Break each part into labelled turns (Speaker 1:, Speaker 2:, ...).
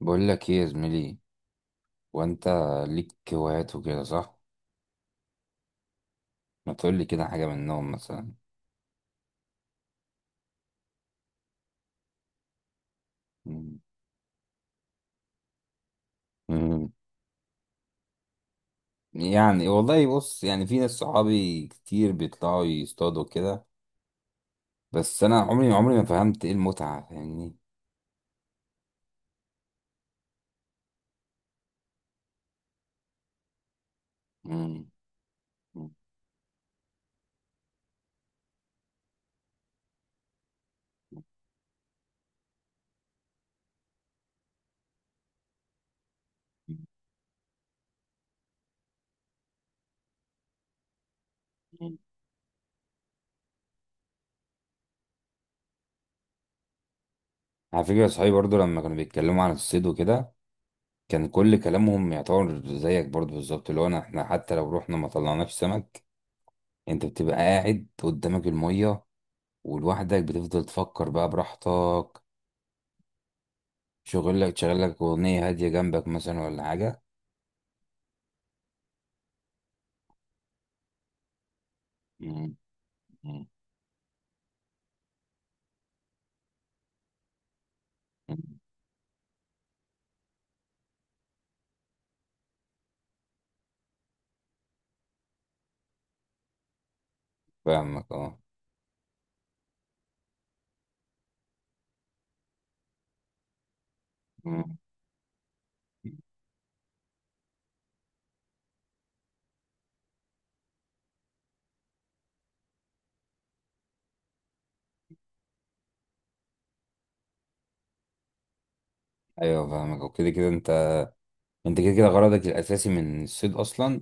Speaker 1: بقول لك ايه يا زميلي؟ وانت ليك هوايات وكده صح؟ ما تقول لي كده حاجه منهم مثلا. مم. مم. يعني والله بص، يعني في ناس صحابي كتير بيطلعوا يصطادوا كده. بس انا عمري عمري ما فهمت ايه المتعه، فاهمني؟ مم. مم. مم. على فكره صحابي برضو لما كانوا بيتكلموا عن الصيد وكده، كان كل كلامهم يعتبر زيك برضو بالظبط، اللي هو احنا حتى لو رحنا ما طلعناش سمك. انت بتبقى قاعد قدامك الميه ولوحدك بتفضل تفكر بقى براحتك. شغل لك أغنية هادية جنبك مثلا ولا حاجة. مم. مم. فاهمك اه. مم. أيوه فاهمك وكده كده أنت كده كده غرضك الأساسي من الصيد أصلا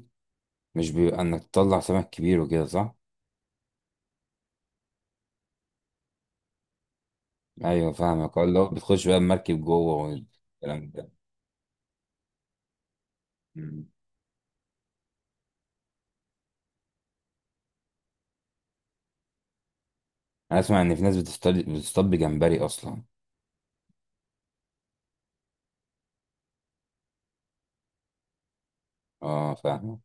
Speaker 1: مش بيبقى إنك تطلع سمك كبير وكده صح؟ أيوه فاهمك اه، اللي هو بتخش بقى المركب جوه والكلام ده. مم. أنا أسمع إن في ناس بتصطاد بجمبري أصلا. اه فاهمك.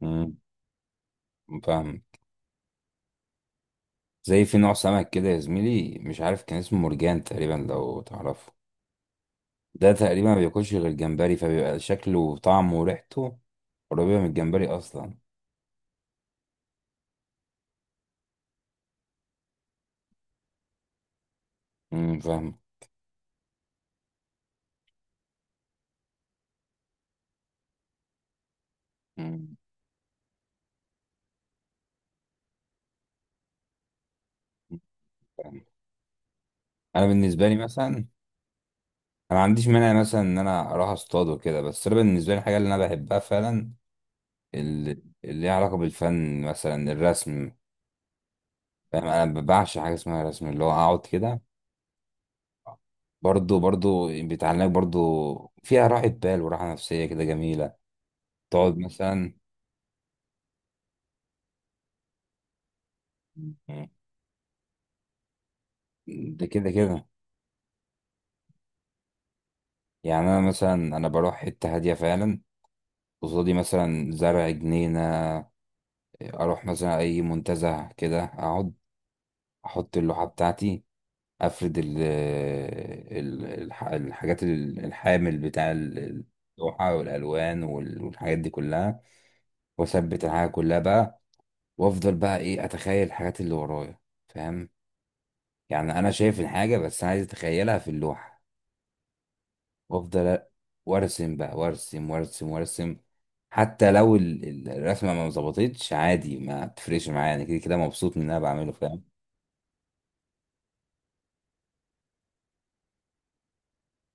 Speaker 1: مم، فاهمك. زي في نوع سمك كده يا زميلي، مش عارف كان اسمه مرجان تقريبا، لو تعرفه. ده تقريبا ما بياكلش غير الجمبري، فبيبقى شكله وطعمه وريحته قريبة من الجمبري أصلا. امم، فاهم. أمم، فاهم. أنا بالنسبة لي مثلا، أنا ما عنديش مانع مثلا إن أنا أروح أصطاد وكده، بس أنا بالنسبة لي الحاجة اللي أنا بحبها فعلا اللي ليها علاقة بالفن، مثلا الرسم، فاهم؟ أنا بعشق حاجة اسمها رسم، اللي هو أقعد كده. برضو بيتعلمك برضو. فيها راحة بال وراحة نفسية كده جميلة. تقعد مثلا. ده كده كده. يعني انا مثلا، انا بروح حته هاديه فعلا، قصادي مثلا زرع جنينه، اروح مثلا اي منتزه كده، اقعد، احط اللوحه بتاعتي، افرد الحاجات، الحامل بتاع اللوحه والالوان والحاجات دي كلها، واثبت الحاجه كلها بقى. وافضل بقى ايه، اتخيل الحاجات اللي ورايا، فاهم؟ يعني انا شايف الحاجه، بس انا عايز اتخيلها في اللوحه. وافضل وارسم بقى، وارسم وارسم وارسم. حتى لو الرسمه ما ظبطتش عادي، ما بتفرقش معايا، انا كده كده مبسوط من اللي انا بعمله، فاهم؟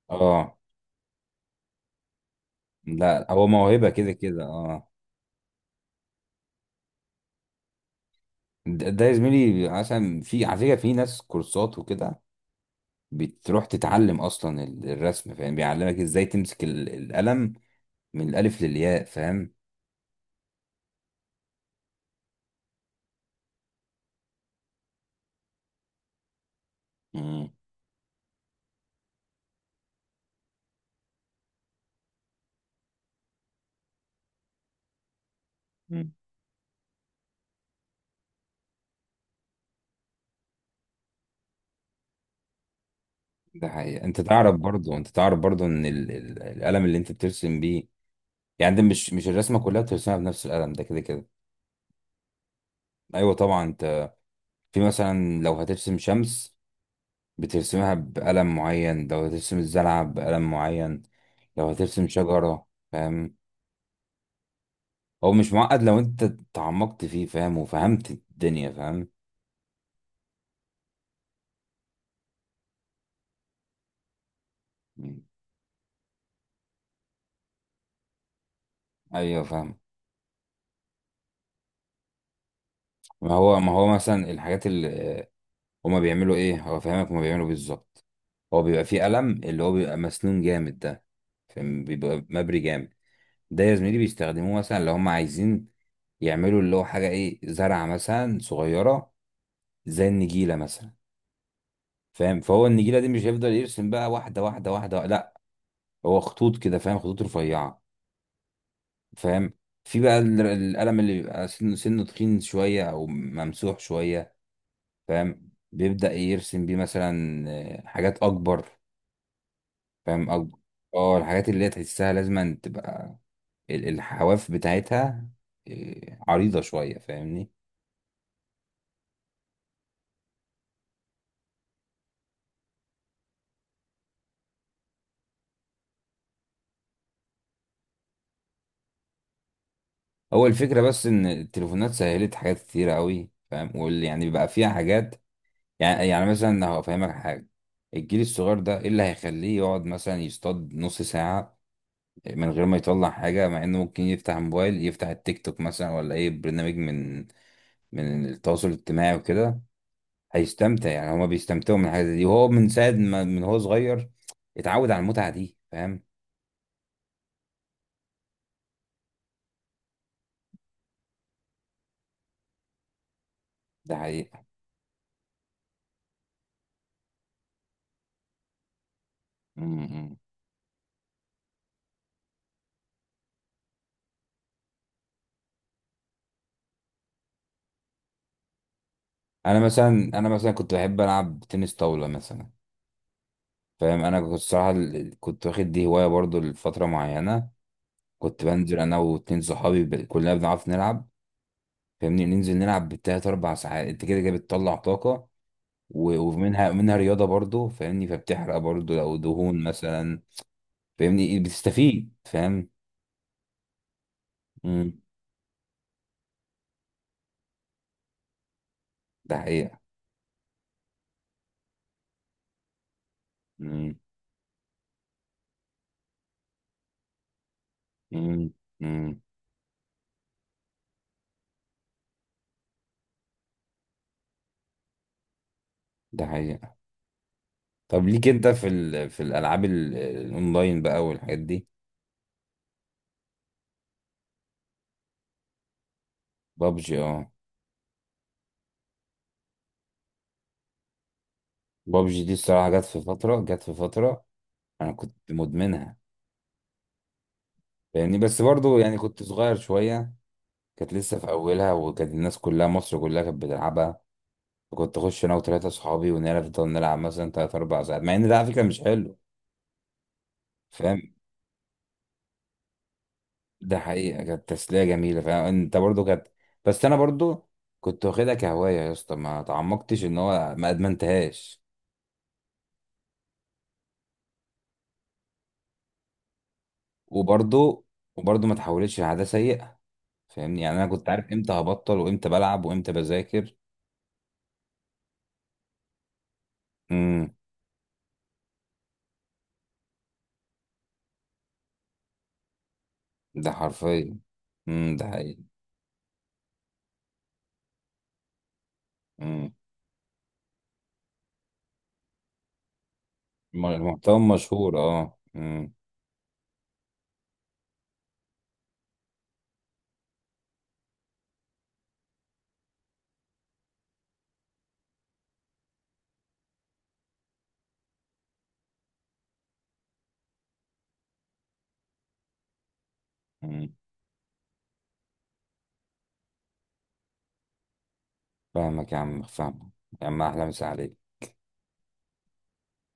Speaker 1: اه. لا، هو موهبه كده كده، اه. ده يا زميلي عشان في على فكره في ناس كورسات وكده، بتروح تتعلم اصلا الرسم، فاهم؟ بيعلمك ازاي تمسك القلم من الالف للياء، فاهم؟ مم. مم. ده حقيقة. انت تعرف برضو ان القلم اللي انت بترسم بيه، يعني ده مش الرسمه كلها بترسمها بنفس القلم ده كده كده. ايوه طبعا. انت في مثلا لو هترسم شمس بترسمها بقلم معين، لو هترسم الزلعه بقلم معين، لو هترسم شجره، فاهم؟ هو مش معقد لو انت تعمقت فيه، فاهم؟ وفهمت الدنيا، فاهم؟ ايوه فاهم. ما هو مثلا الحاجات اللي هما بيعملوا ايه، هو فاهمك، هما بيعملوا بالظبط. هو بيبقى فيه قلم اللي هو بيبقى مسنون جامد ده، فاهم؟ بيبقى مبري جامد. ده يا زميلي بيستخدموه مثلا لو هم عايزين يعملوا اللي هو حاجة ايه، زرعة مثلا صغيرة زي النجيلة مثلا، فاهم؟ فهو النجيلة دي مش هيفضل يرسم بقى واحدة واحدة واحدة، لا، هو خطوط كده، فاهم؟ خطوط رفيعة، فاهم؟ في بقى القلم اللي بيبقى سنه تخين شوية أو ممسوح شوية، فاهم؟ بيبدأ يرسم بيه مثلا حاجات أكبر، فاهم؟ أكبر. اه، الحاجات اللي هي تحسها لازم تبقى الحواف بتاعتها عريضة شوية، فاهمني؟ هو الفكرة بس إن التليفونات سهلت حاجات كتيرة أوي، فاهم؟ واللي يعني بقى فيها حاجات، يعني مثلا هفهمك حاجة. الجيل الصغير ده إيه اللي هيخليه يقعد مثلا يصطاد نص ساعة من غير ما يطلع حاجة، مع إنه ممكن يفتح موبايل، يفتح التيك توك مثلا ولا أي برنامج من التواصل الاجتماعي وكده، هيستمتع. يعني هما بيستمتعوا من الحاجة دي، وهو من ساعة ما من هو صغير اتعود على المتعة دي، فاهم؟ ده حقيقة. م- م. أنا مثلا، أنا كنت بحب ألعب تنس طاولة مثلا، فاهم؟ انا كنت الصراحه، كنت واخد دي هوايه برضو لفتره معينه. كنت بنزل انا واتنين صحابي، كلنا بنعرف نلعب، فاهمني؟ ننزل نلعب بالتلات اربع ساعات، انت كده كده بتطلع طاقه، ومنها رياضه برضو، فاهمني؟ فبتحرق برضو لو دهون مثلا، فاهمني؟ بتستفيد، فاهم؟ امم. ده حقيقه. امم. امم. امم. ده حقيقه. طب ليك انت في في الالعاب الاونلاين بقى والحاجات دي؟ بابجي، اه. بابجي دي الصراحه جت في فتره، انا كنت مدمنها. يعني بس برضو، يعني كنت صغير شوية. كانت لسه في أولها، وكانت الناس كلها، مصر كلها كانت بتلعبها. كنت أخش أنا وتلاتة أصحابي ونفضل نلعب مثلا 3 4 ساعات، مع إن ده على فكرة مش حلو، فاهم؟ ده حقيقة كانت تسلية جميلة، فاهم؟ أنت برضو كانت. بس أنا برضو كنت واخدها كهواية يا اسطى، ما تعمقتش، إن هو ما أدمنتهاش. وبرضو وبرضو ما تحولتش لعادة سيئة، فاهمني؟ يعني أنا كنت عارف إمتى هبطل وإمتى بلعب وإمتى بذاكر. امم. ده حرفيا. امم. ده حقيقي. المحتوى مشهور، اه. مم. مم. فاهمك يا عم، فاهمك يا عم، أحلى مسا عليك.